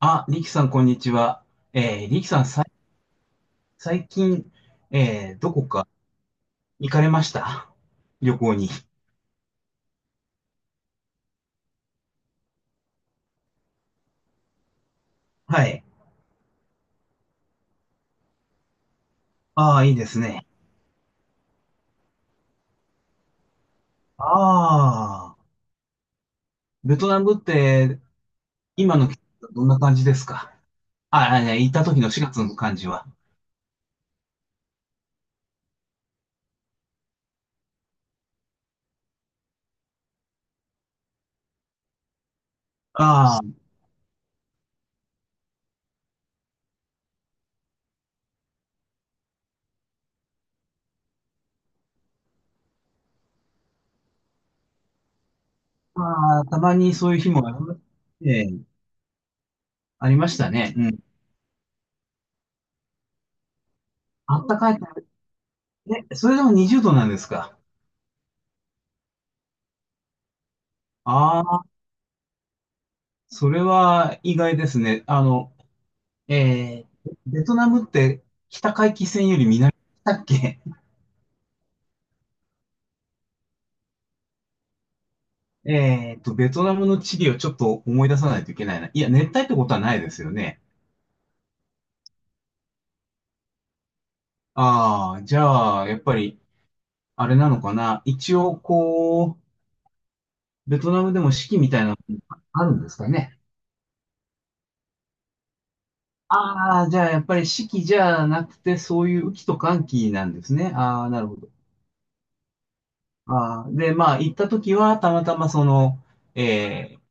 あ、リキさん、こんにちは。リキさん、最近、どこか行かれました旅行に？はい。ああ、いいですね。ああ、ベトナムって、今の季節どんな感じですか？ああ、ね、行った時の4月の感じは。ああ、まあ、たまにそういう日もありま、えーありましたね。うん。あったかい。え、それでも20度なんですか？ああ、それは意外ですね。あの、えー、ベトナムって北回帰線より、だっけ？ ベトナムの地理をちょっと思い出さないといけないな。いや、熱帯ってことはないですよね。ああ、じゃあ、やっぱり、あれなのかな。一応、ベトナムでも四季みたいなのあるんですかね。ああ、じゃあ、やっぱり四季じゃなくて、そういう雨季と乾季なんですね。ああ、なるほど。ああ、で、まあ、行った時は、たまたまその、えー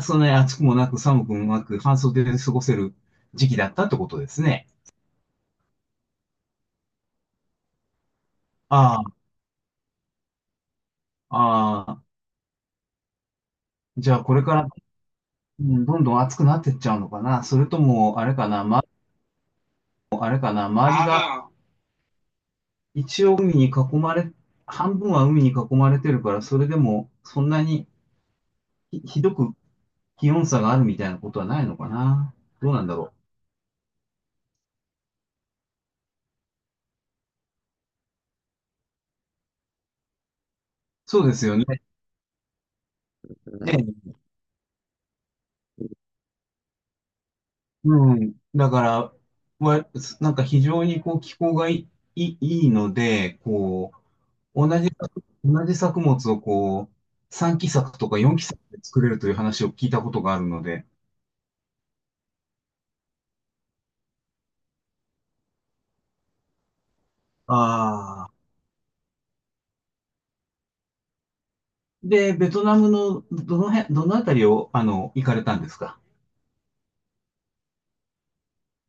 そんなに暑くもなく寒くもなく半袖で過ごせる時期だったってことですね。ああ、ああ、じゃあこれから、うん、どんどん暑くなってっちゃうのかな。それとも、あれかな、ま、あれかな、周りがああ、一応海に囲まれ、半分は海に囲まれてるから、それでもそんなにひどく気温差があるみたいなことはないのかな。どうなんだろう。そうですよね。ええ、うん。だから、わなんか非常にこう気候がいいので、こう、同じ、同じ作物をこう、3期作とか4期作で作れるという話を聞いたことがあるので。ああ、で、ベトナムのどのあたりを、あの、行かれたんですか？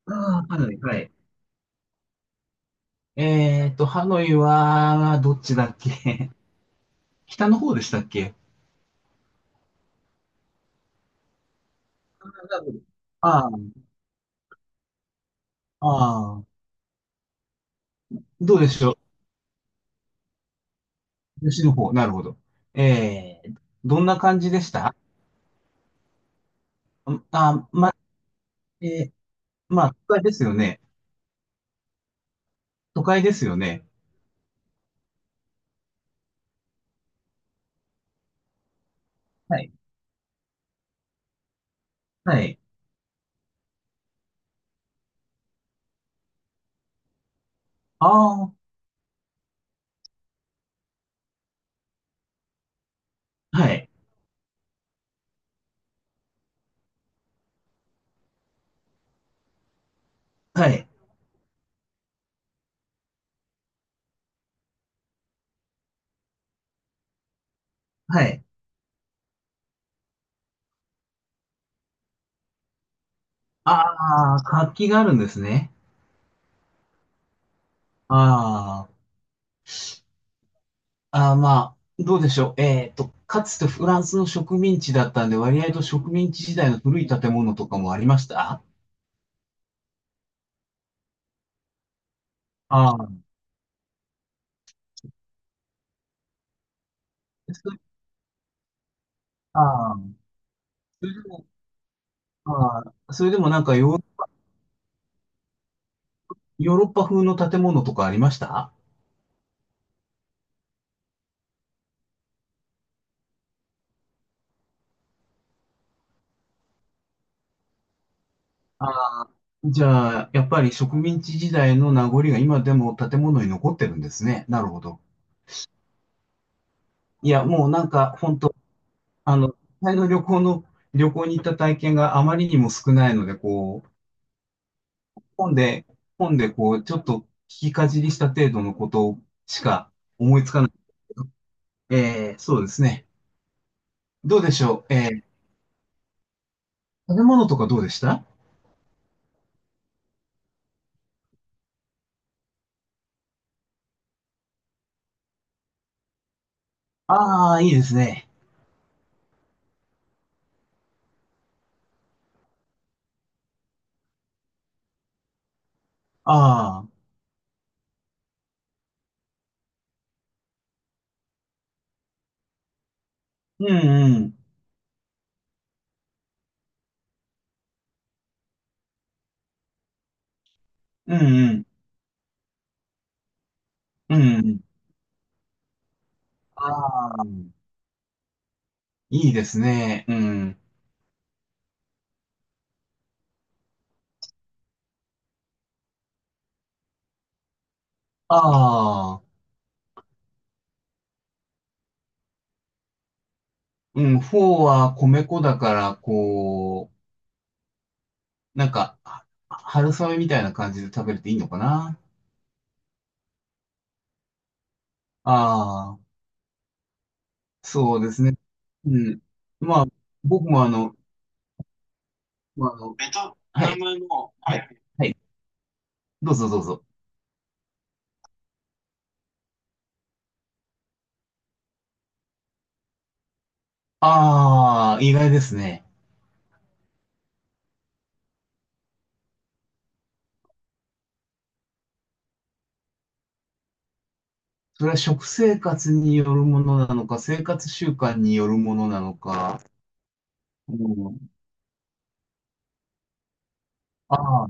あ、ああ、ハノイ、はい。えーと、ハノイは、どっちだっけ？ 北の方でしたっけ？ダブルああ、ああ、どうでしょう。吉の方、なるほど。えー、どんな感じでした？あ、ま、えーまあ、都会ですよね。都会ですよね。はい。はい。ああ、はい、はい、はい。ああ、活気があるんですね。ああ、ああ、まあ、どうでしょう。えっと、かつてフランスの植民地だったんで、割合と植民地時代の古い建物とかもありました？ああ、そ、ああ、それでも、ああ、それでもなんかヨー、ヨーロッパ風の建物とかありました？ああ、じゃあ、やっぱり植民地時代の名残が今でも建物に残ってるんですね。なるほど。いや、もうなんか、本当あの、実際の旅行の、旅行に行った体験があまりにも少ないので、こう、本で、本でこう、ちょっと聞きかじりした程度のことしか思いつかない。そうですね。どうでしょう。食べ物とかどうでした？ああー、いいですね。ああ、うんうん、うんうん、うんうん。ああ、いいですね。うん。ああ、うん、フォーは米粉だから、こう、なんか、は春雨みたいな感じで食べれていいのかな？ああ、そうですね。うん。まあ、僕もあの、まあ、あの、ベトはナい、ムの、はいはい。はい、どうぞどうぞ。ああ、意外ですね。それは食生活によるものなのか、生活習慣によるものなのか。うん、ああ、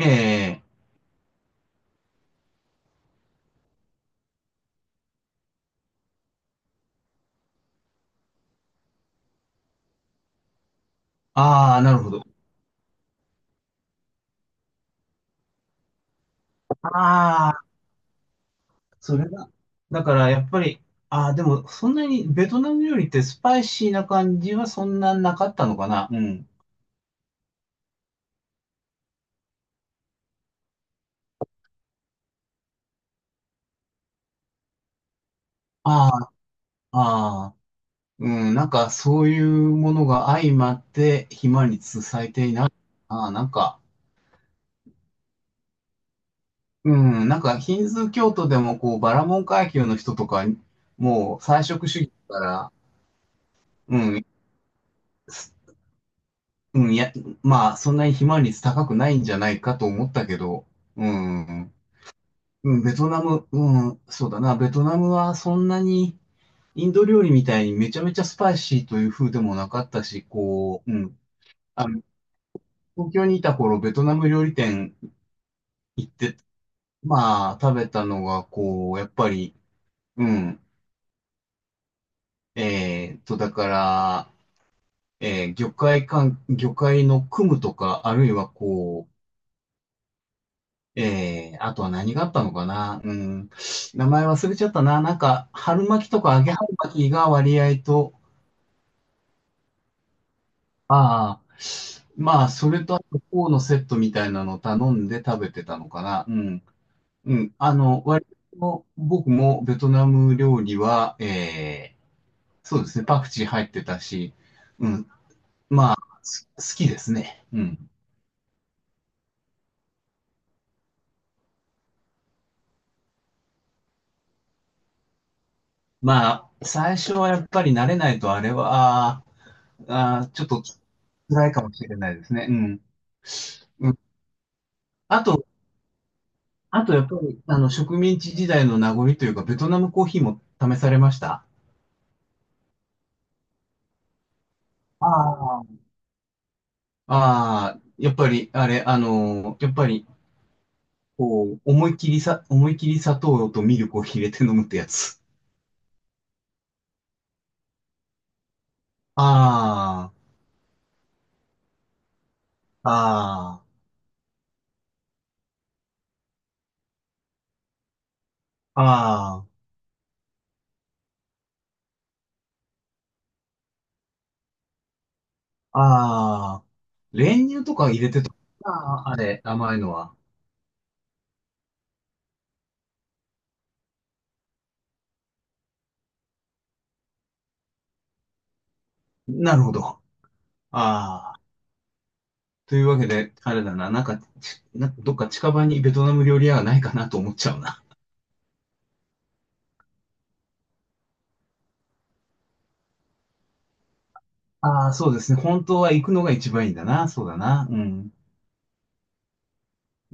ええ、ああ、なるほど。ああ、それが、だからやっぱり、ああ、でもそんなにベトナム料理ってスパイシーな感じはそんななかったのかな。うん。ああ、ああ、うん、なんかそういうものが相まって暇につされていない。ああ、なんか、うん、なんかヒンズー教徒でもこうバラモン階級の人とか、もう菜食主義だから、うん、す、うん、いや、まあそんなに暇率高くないんじゃないかと思ったけど、うん。うん、ベトナム、うん、そうだな。ベトナムはそんなに、インド料理みたいにめちゃめちゃスパイシーという風でもなかったし、こう、うん。あの、東京にいた頃、ベトナム料理店行って、まあ、食べたのが、こう、やっぱり、うん。だから、魚介のクムとか、あるいはこう、あとは何があったのかな。うん。名前忘れちゃったな。なんか、春巻きとか揚げ春巻きが割合と、ああ、まあ、それとあと、フォーのセットみたいなのを頼んで食べてたのかな。うん。うん。あの、割と僕もベトナム料理は、そうですね、パクチー入ってたし、うん、す、好きですね。うん。まあ、最初はやっぱり慣れないとあれは、あーちょっと辛いかもしれないですね。うん。うん。あと、あとやっぱり、あの、植民地時代の名残というか、ベトナムコーヒーも試されました？ああ。ああ、やっぱり、あれ、あのーやっぱり、こう、思いっきり砂糖とミルクを入れて飲むってやつ。ああ、ああ、ああ、ああ、練乳とか入れてと、ああ、あれ、甘いのは。なるほど。ああ、というわけで、あれだな、なんか、ち、なんかどっか近場にベトナム料理屋はないかなと思っちゃうな。ああ、そうですね。本当は行くのが一番いいんだな。そうだな。うん。